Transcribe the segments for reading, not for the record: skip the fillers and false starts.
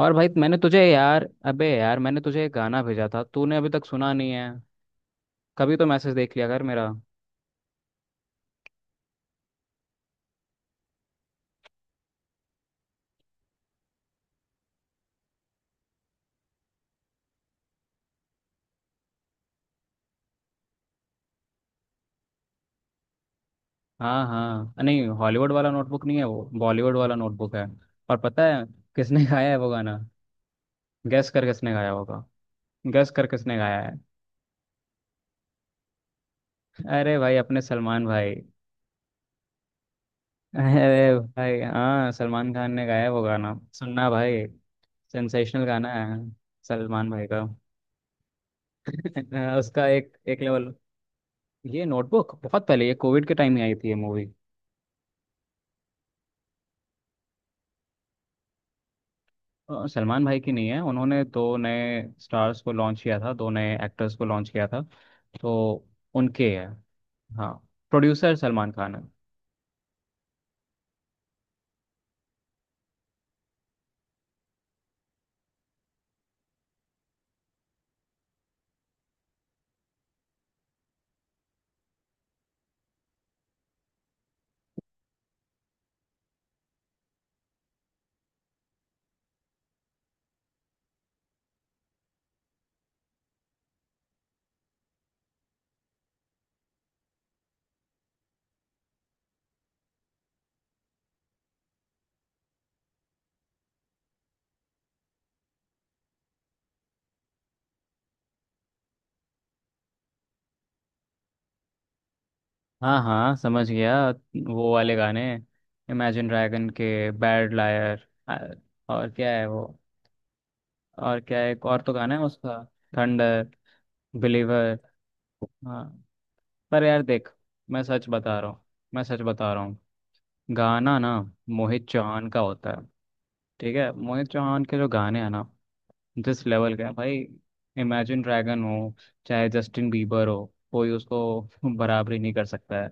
और भाई, मैंने तुझे यार अबे यार, मैंने तुझे एक गाना भेजा था। तूने अभी तक सुना नहीं है। कभी तो मैसेज देख लिया कर मेरा। हाँ हाँ, नहीं, हॉलीवुड वाला नोटबुक नहीं है, वो बॉलीवुड वाला नोटबुक है। और पता है किसने गाया है वो गाना? गैस कर किसने गाया होगा? गैस कर किसने गाया है? अरे भाई, अपने सलमान भाई। अरे भाई, हाँ, सलमान खान ने गाया है वो गाना, सुनना भाई। सेंसेशनल गाना है सलमान भाई का। उसका एक एक लेवल। ये नोटबुक बहुत पहले, ये कोविड के टाइम में आई थी ये मूवी। सलमान भाई की नहीं है। उन्होंने दो नए स्टार्स को लॉन्च किया था, दो नए एक्टर्स को लॉन्च किया था, तो उनके है। हाँ। प्रोड्यूसर सलमान खान है। हाँ हाँ, समझ गया। वो वाले गाने, इमेजिन ड्रैगन के बैड लायर। और क्या है वो? और क्या है, एक और तो गाना है उसका। थंडर। बिलीवर। हाँ। पर यार देख, मैं सच बता रहा हूँ, मैं सच बता रहा हूँ। गाना ना मोहित चौहान का होता है। ठीक है। मोहित चौहान के जो गाने हैं ना, जिस लेवल का है भाई, इमेजिन ड्रैगन हो, चाहे जस्टिन बीबर हो, कोई उसको बराबरी नहीं कर सकता है।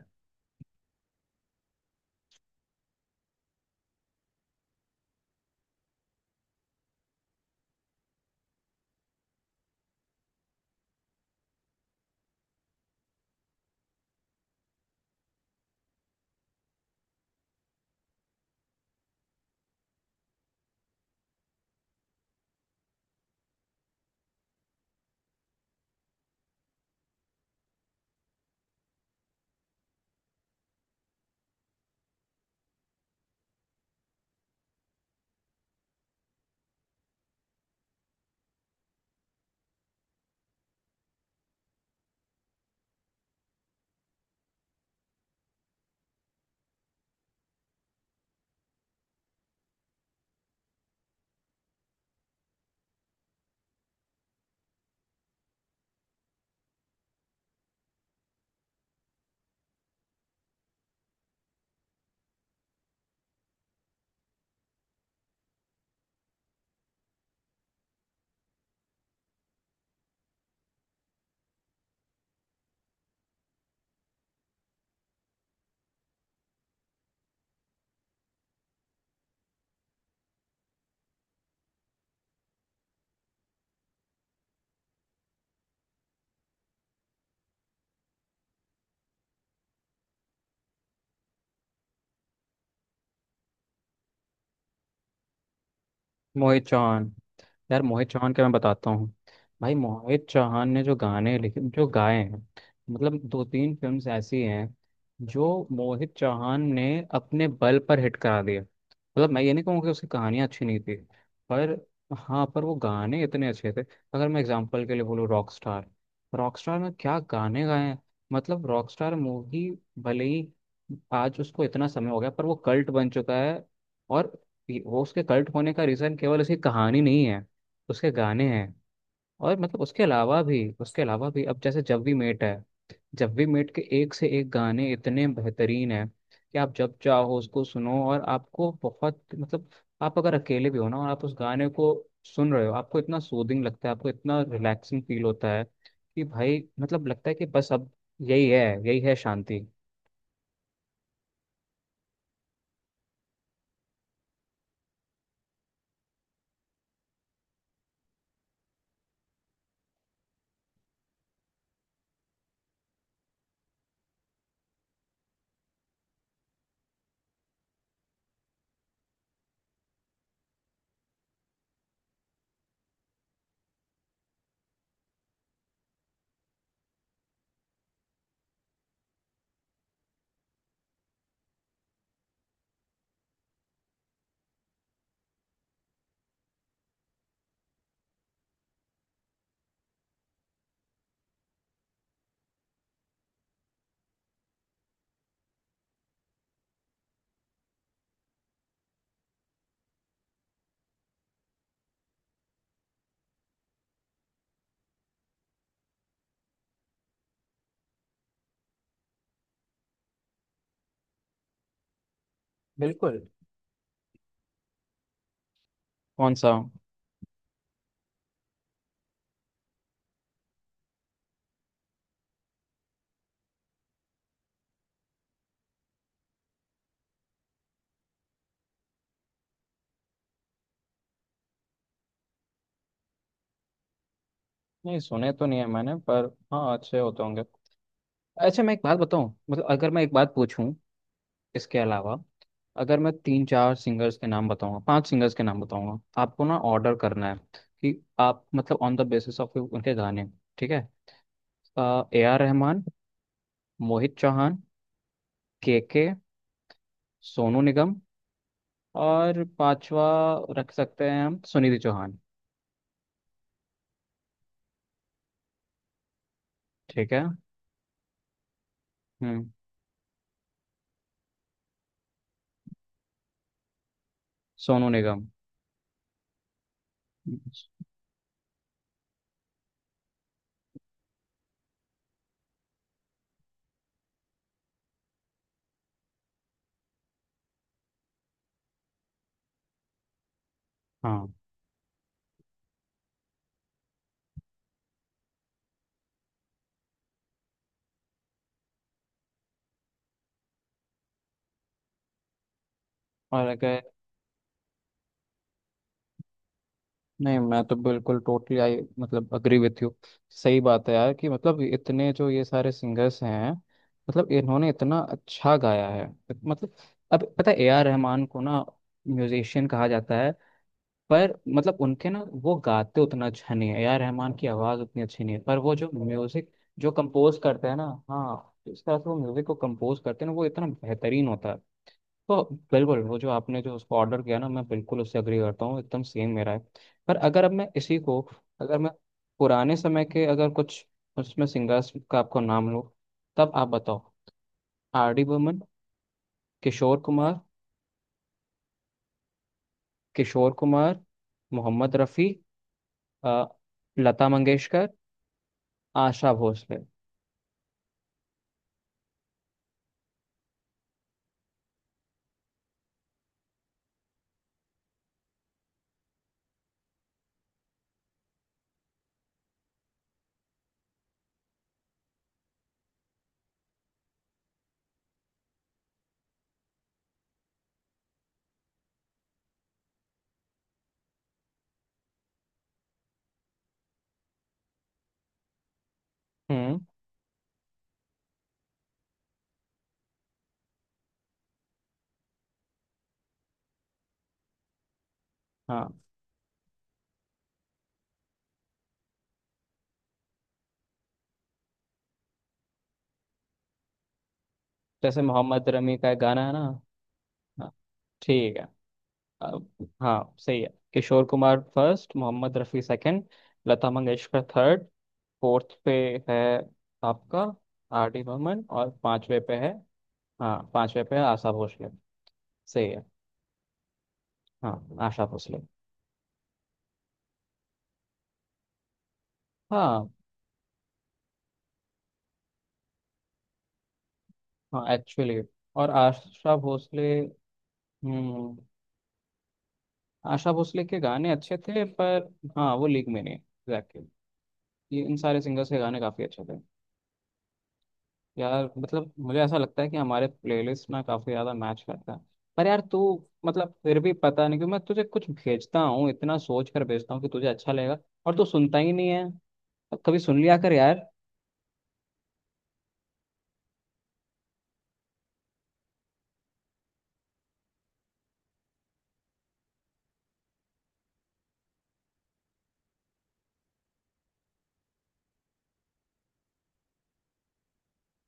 मोहित चौहान। यार मोहित चौहान के मैं बताता हूँ भाई, मोहित चौहान ने जो गाने लिखे, जो गाए हैं, मतलब दो तीन फिल्म्स ऐसी हैं जो मोहित चौहान ने अपने बल पर हिट करा दिए। मतलब मैं ये नहीं कहूँगा कि उसकी कहानियाँ अच्छी नहीं थी, पर हाँ, पर वो गाने इतने अच्छे थे। अगर मैं एग्जांपल के लिए बोलूँ रॉक स्टार, रॉक स्टार में क्या गाने गाए हैं, मतलब रॉक स्टार मूवी भले ही आज उसको इतना समय हो गया, पर वो कल्ट बन चुका है। और वो उसके कल्ट होने का रीज़न केवल उसकी कहानी नहीं है, उसके गाने हैं। और मतलब उसके अलावा भी, उसके अलावा भी, अब जैसे जब वी मेट है। जब वी मेट के एक से एक गाने इतने बेहतरीन हैं कि आप जब चाहो उसको सुनो और आपको बहुत, मतलब आप अगर अकेले भी हो ना, और आप उस गाने को सुन रहे हो, आपको इतना सूदिंग लगता है, आपको इतना रिलैक्सिंग फील होता है कि भाई मतलब लगता है कि बस अब यही है, यही है शांति। बिल्कुल। कौन सा? नहीं सुने तो नहीं है मैंने, पर हाँ अच्छे होते होंगे। अच्छा, मैं एक बात बताऊं, मतलब अगर मैं एक बात पूछूं। इसके अलावा, अगर मैं तीन चार सिंगर्स के नाम बताऊंगा, पांच सिंगर्स के नाम बताऊंगा, आपको ना ऑर्डर करना है कि आप, मतलब ऑन द बेसिस ऑफ उनके गाने। ठीक है। A R Rahman. Mohit Chauhan. K K. Sonu Nigam. और पांचवा, रख सकते हैं हम सुनिधि चौहान। ठीक है। हम्म। सोनू निगम। हाँ। और अगर, नहीं, मैं तो बिल्कुल टोटली, आई मतलब अग्री विथ यू। सही बात है यार कि मतलब इतने जो ये सारे सिंगर्स हैं, मतलब इन्होंने इतना अच्छा गाया है। मतलब, अब पता है ए आर रहमान को ना म्यूजिशियन कहा जाता है। पर मतलब उनके ना, वो गाते उतना अच्छा नहीं है, ए आर रहमान की आवाज़ उतनी अच्छी नहीं है, पर वो जो म्यूजिक जो कंपोज करते हैं ना, हाँ, जिस तरह से वो म्यूजिक को कंपोज करते हैं ना, वो इतना बेहतरीन होता है। तो बिल्कुल वो जो आपने, जो उसको ऑर्डर किया ना, मैं बिल्कुल उससे अग्री करता हूँ, एकदम सेम मेरा है। पर अगर अब मैं इसी को, अगर मैं पुराने समय के अगर कुछ उसमें सिंगर्स का आपको नाम लो, तब आप बताओ। R D Burman. किशोर कुमार। किशोर कुमार। मोहम्मद रफ़ी। अ, लता मंगेशकर। आशा भोसले। हम्म। हाँ। जैसे मोहम्मद रफ़ी का एक गाना है ना। हाँ। ठीक है। अ, हाँ सही है। Kishore Kumar first, Mohammed Rafi second, Lata Mangeshkar third, fourth पे है आपका आर डी बर्मन, और पांचवे पे है, हाँ पांचवे पे है आशा भोसले। सही है। हाँ। आशा भोसले। हाँ। हाँ एक्चुअली। और आशा भोसले, हम्म, आशा भोसले के गाने अच्छे थे, पर हाँ वो लीग में नहीं, एग्जैक्टली। ये इन सारे सिंगर्स के गाने काफी अच्छे थे। यार मतलब मुझे ऐसा लगता है कि हमारे प्लेलिस्ट ना काफी ज्यादा मैच करता है। पर यार, तू, मतलब फिर भी पता नहीं क्यों मैं तुझे कुछ भेजता हूँ, इतना सोच कर भेजता हूँ कि तुझे अच्छा लगेगा, और तू सुनता ही नहीं है। अब कभी सुन लिया कर यार।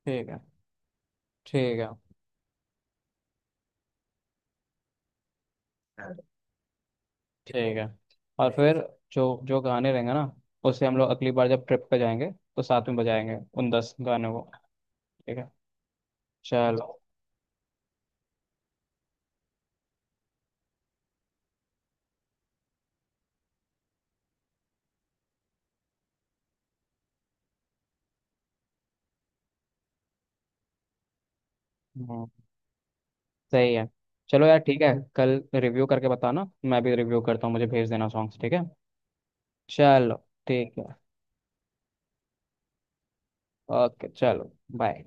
ठीक है। ठीक है। हाँ, ठीक है। और फिर, जो जो गाने रहेंगे ना, उसे हम लोग अगली बार जब ट्रिप पे जाएंगे तो साथ में बजाएंगे उन 10 गानों को। ठीक है। चलो। हम्म, सही है। चलो यार ठीक है, कल रिव्यू करके बताना, मैं भी रिव्यू करता हूँ, मुझे भेज देना सॉन्ग्स। ठीक है। चलो। ठीक है। ओके चलो। बाय।